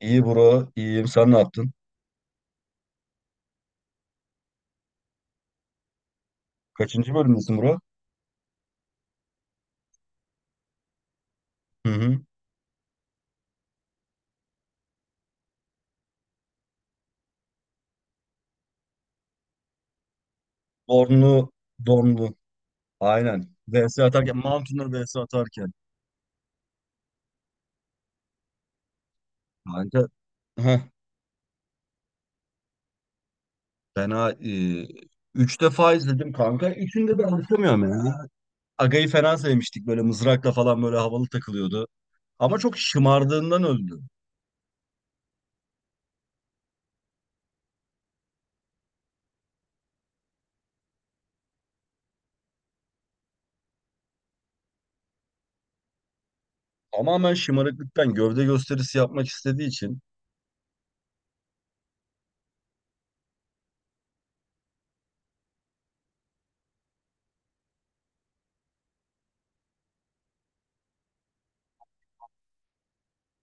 İyi bro, iyiyim. Sen ne yaptın? Kaçıncı bölümdesin bro? Hı hı. Dornlu, Dornlu. Aynen. VS atarken, Mountain'da VS atarken. Kanka, heh, fena. Üç defa izledim kanka. Üçünde de anlatamıyorum ya. Aga'yı fena sevmiştik. Böyle mızrakla falan böyle havalı takılıyordu. Ama çok şımardığından öldü. Tamamen şımarıklıktan gövde gösterisi yapmak istediği için.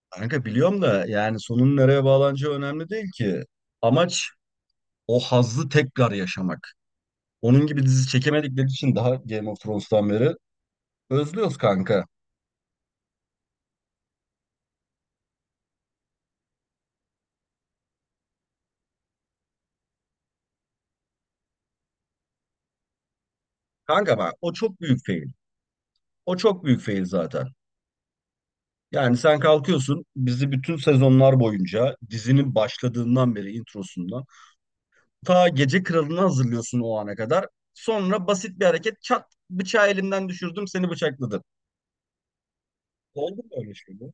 Kanka biliyorum da yani sonun nereye bağlanacağı önemli değil ki. Amaç o hazzı tekrar yaşamak. Onun gibi dizi çekemedikleri için daha Game of Thrones'tan beri özlüyoruz kanka. Kanka bak o çok büyük fail. O çok büyük fail zaten. Yani sen kalkıyorsun bizi bütün sezonlar boyunca dizinin başladığından beri introsundan ta Gece Kralı'nı hazırlıyorsun o ana kadar. Sonra basit bir hareket çat bıçağı elimden düşürdüm seni bıçakladım. Oldu mu öyle şey bu?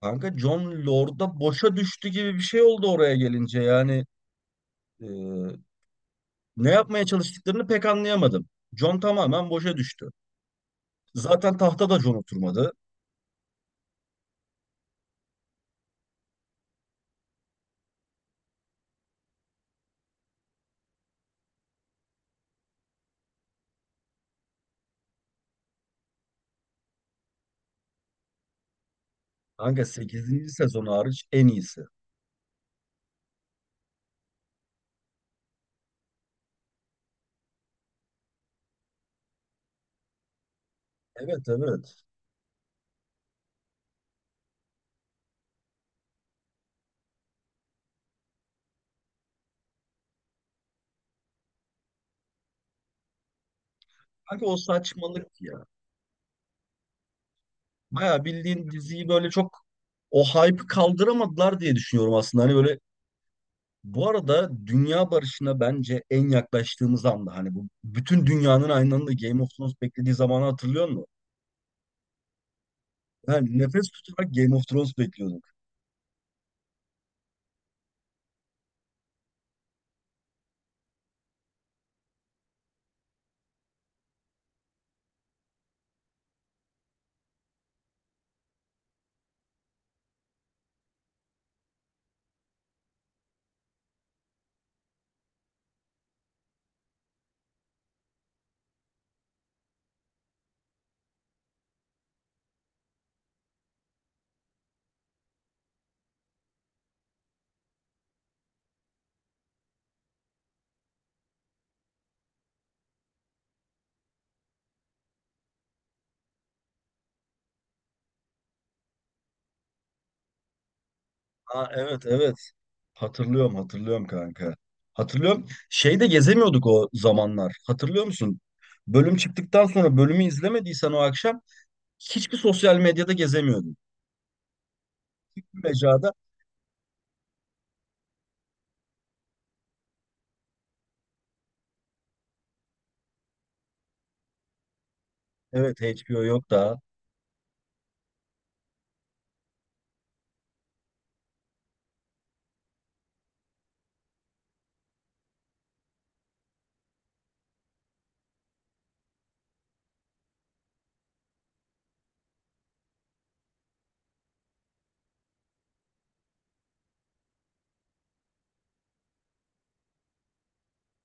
Kanka Jon Lord'a boşa düştü gibi bir şey oldu oraya gelince yani e, ne yapmaya çalıştıklarını pek anlayamadım. Jon tamamen boşa düştü. Zaten tahta da John oturmadı. Kanka 8. sezon hariç en iyisi. Evet evet. Kanka o saçmalık ya. Baya bildiğin diziyi böyle çok o hype'ı kaldıramadılar diye düşünüyorum aslında. Hani böyle bu arada dünya barışına bence en yaklaştığımız anda hani bu bütün dünyanın aynı anda Game of Thrones beklediği zamanı hatırlıyor musun? Yani nefes tutarak Game of Thrones bekliyorduk. Ha evet evet. Hatırlıyorum, hatırlıyorum kanka. Hatırlıyorum. Şeyde gezemiyorduk o zamanlar. Hatırlıyor musun? Bölüm çıktıktan sonra bölümü izlemediysen o akşam hiçbir sosyal medyada gezemiyordun. Mecrada evet, HBO yok da.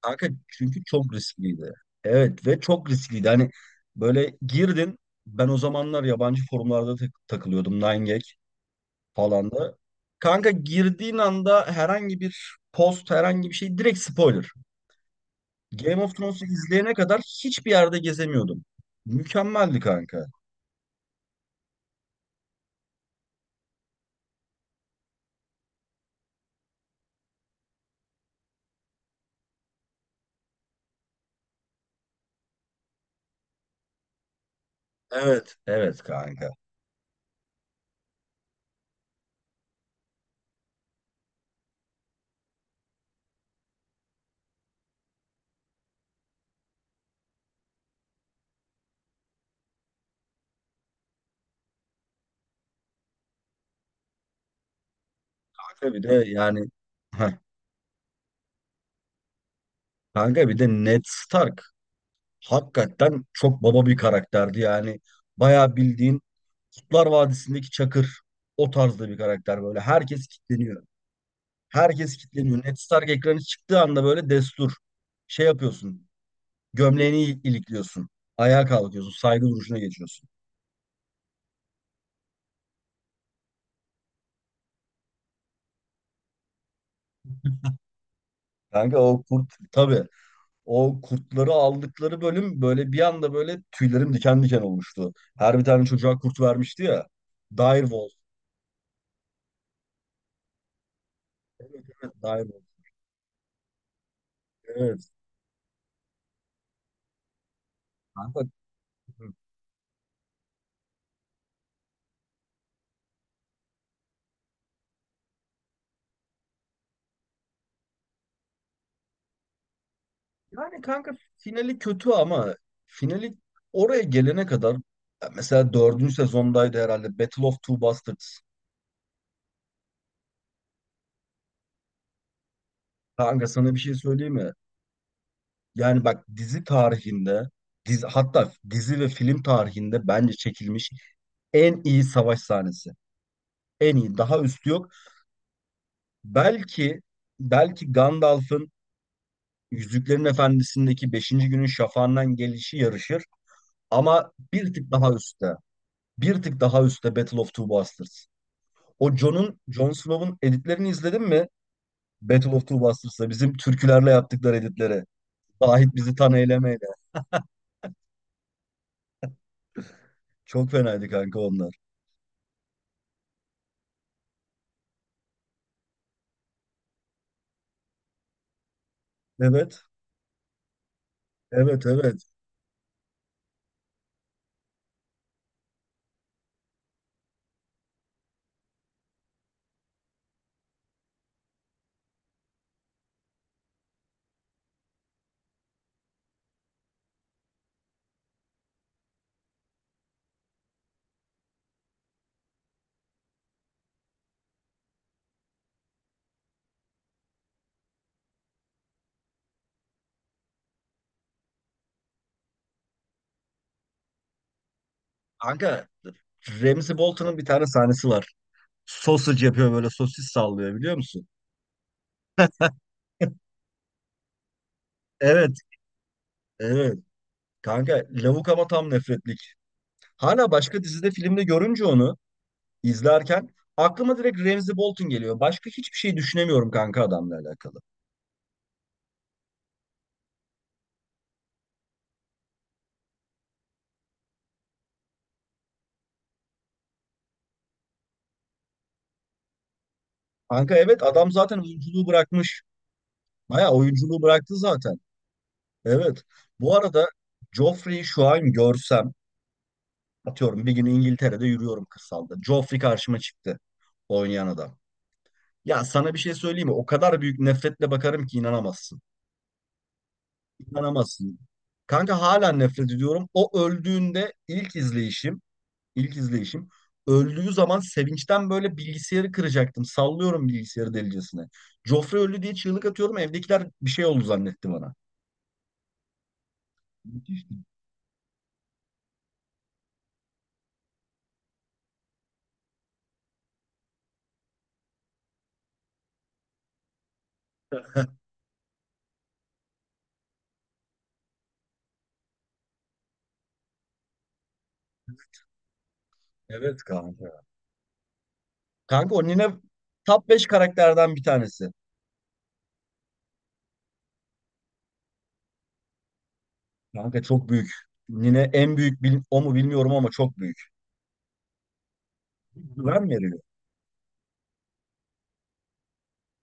Kanka çünkü çok riskliydi. Evet ve çok riskliydi. Hani böyle girdin ben o zamanlar yabancı forumlarda takılıyordum. 9gag falan da. Kanka girdiğin anda herhangi bir post herhangi bir şey direkt spoiler. Game of Thrones'u izleyene kadar hiçbir yerde gezemiyordum. Mükemmeldi kanka. Evet. Evet kanka. Kanka bir de yani Heh. kanka bir de Ned Stark hakikaten çok baba bir karakterdi yani. Bayağı bildiğin Kurtlar Vadisi'ndeki Çakır o tarzda bir karakter böyle. Herkes kitleniyor. Herkes kitleniyor. Ned Stark ekranı çıktığı anda böyle destur. Şey yapıyorsun. Gömleğini ilikliyorsun. Ayağa kalkıyorsun. Saygı duruşuna geçiyorsun. Kanka o kurt tabii. O kurtları aldıkları bölüm böyle bir anda böyle tüylerim diken diken olmuştu. Her bir tane çocuğa kurt vermişti ya. Direwolf. Evet, Direwolf. Evet. Kanka, yani kanka finali kötü ama finali oraya gelene kadar ya mesela dördüncü sezondaydı herhalde Battle of Two Bastards. Kanka sana bir şey söyleyeyim mi? Yani bak dizi tarihinde dizi, hatta dizi ve film tarihinde bence çekilmiş en iyi savaş sahnesi. En iyi. Daha üstü yok. Belki belki Gandalf'ın Yüzüklerin Efendisi'ndeki beşinci günün şafağından gelişi yarışır ama bir tık daha üstte. Bir tık daha üstte Battle of Two Bastards. O Jon'un Jon Snow'un editlerini izledin mi? Battle of Two Bastards'ta bizim türkülerle yaptıkları editleri. Dahit bizi tan eylemeyle. Çok fenaydı kanka onlar. Evet, evet, evet. Kanka Ramsey Bolton'un bir tane sahnesi var. Sausage yapıyor böyle sosis sallıyor biliyor musun? Evet, evet. Kanka lavuk ama tam nefretlik. Hala başka dizide filmde görünce onu izlerken aklıma direkt Ramsey Bolton geliyor. Başka hiçbir şey düşünemiyorum kanka adamla alakalı. Kanka evet adam zaten oyunculuğu bırakmış. Bayağı oyunculuğu bıraktı zaten. Evet. Bu arada Joffrey'i şu an görsem atıyorum bir gün İngiltere'de yürüyorum kırsalda. Joffrey karşıma çıktı oynayan adam. Ya sana bir şey söyleyeyim mi? O kadar büyük nefretle bakarım ki inanamazsın. İnanamazsın. Kanka hala nefret ediyorum. O öldüğünde ilk izleyişim. İlk izleyişim. Öldüğü zaman sevinçten böyle bilgisayarı kıracaktım. Sallıyorum bilgisayarı delicesine. Joffrey öldü diye çığlık atıyorum. Evdekiler bir şey oldu zannetti bana. Müthiş. Evet kanka. Kanka o Nine top 5 karakterden bir tanesi. Kanka çok büyük. Nine en büyük o mu bilmiyorum ama çok büyük. Güven veriyor.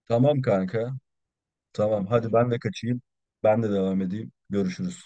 Tamam kanka. Tamam hadi ben de kaçayım. Ben de devam edeyim. Görüşürüz.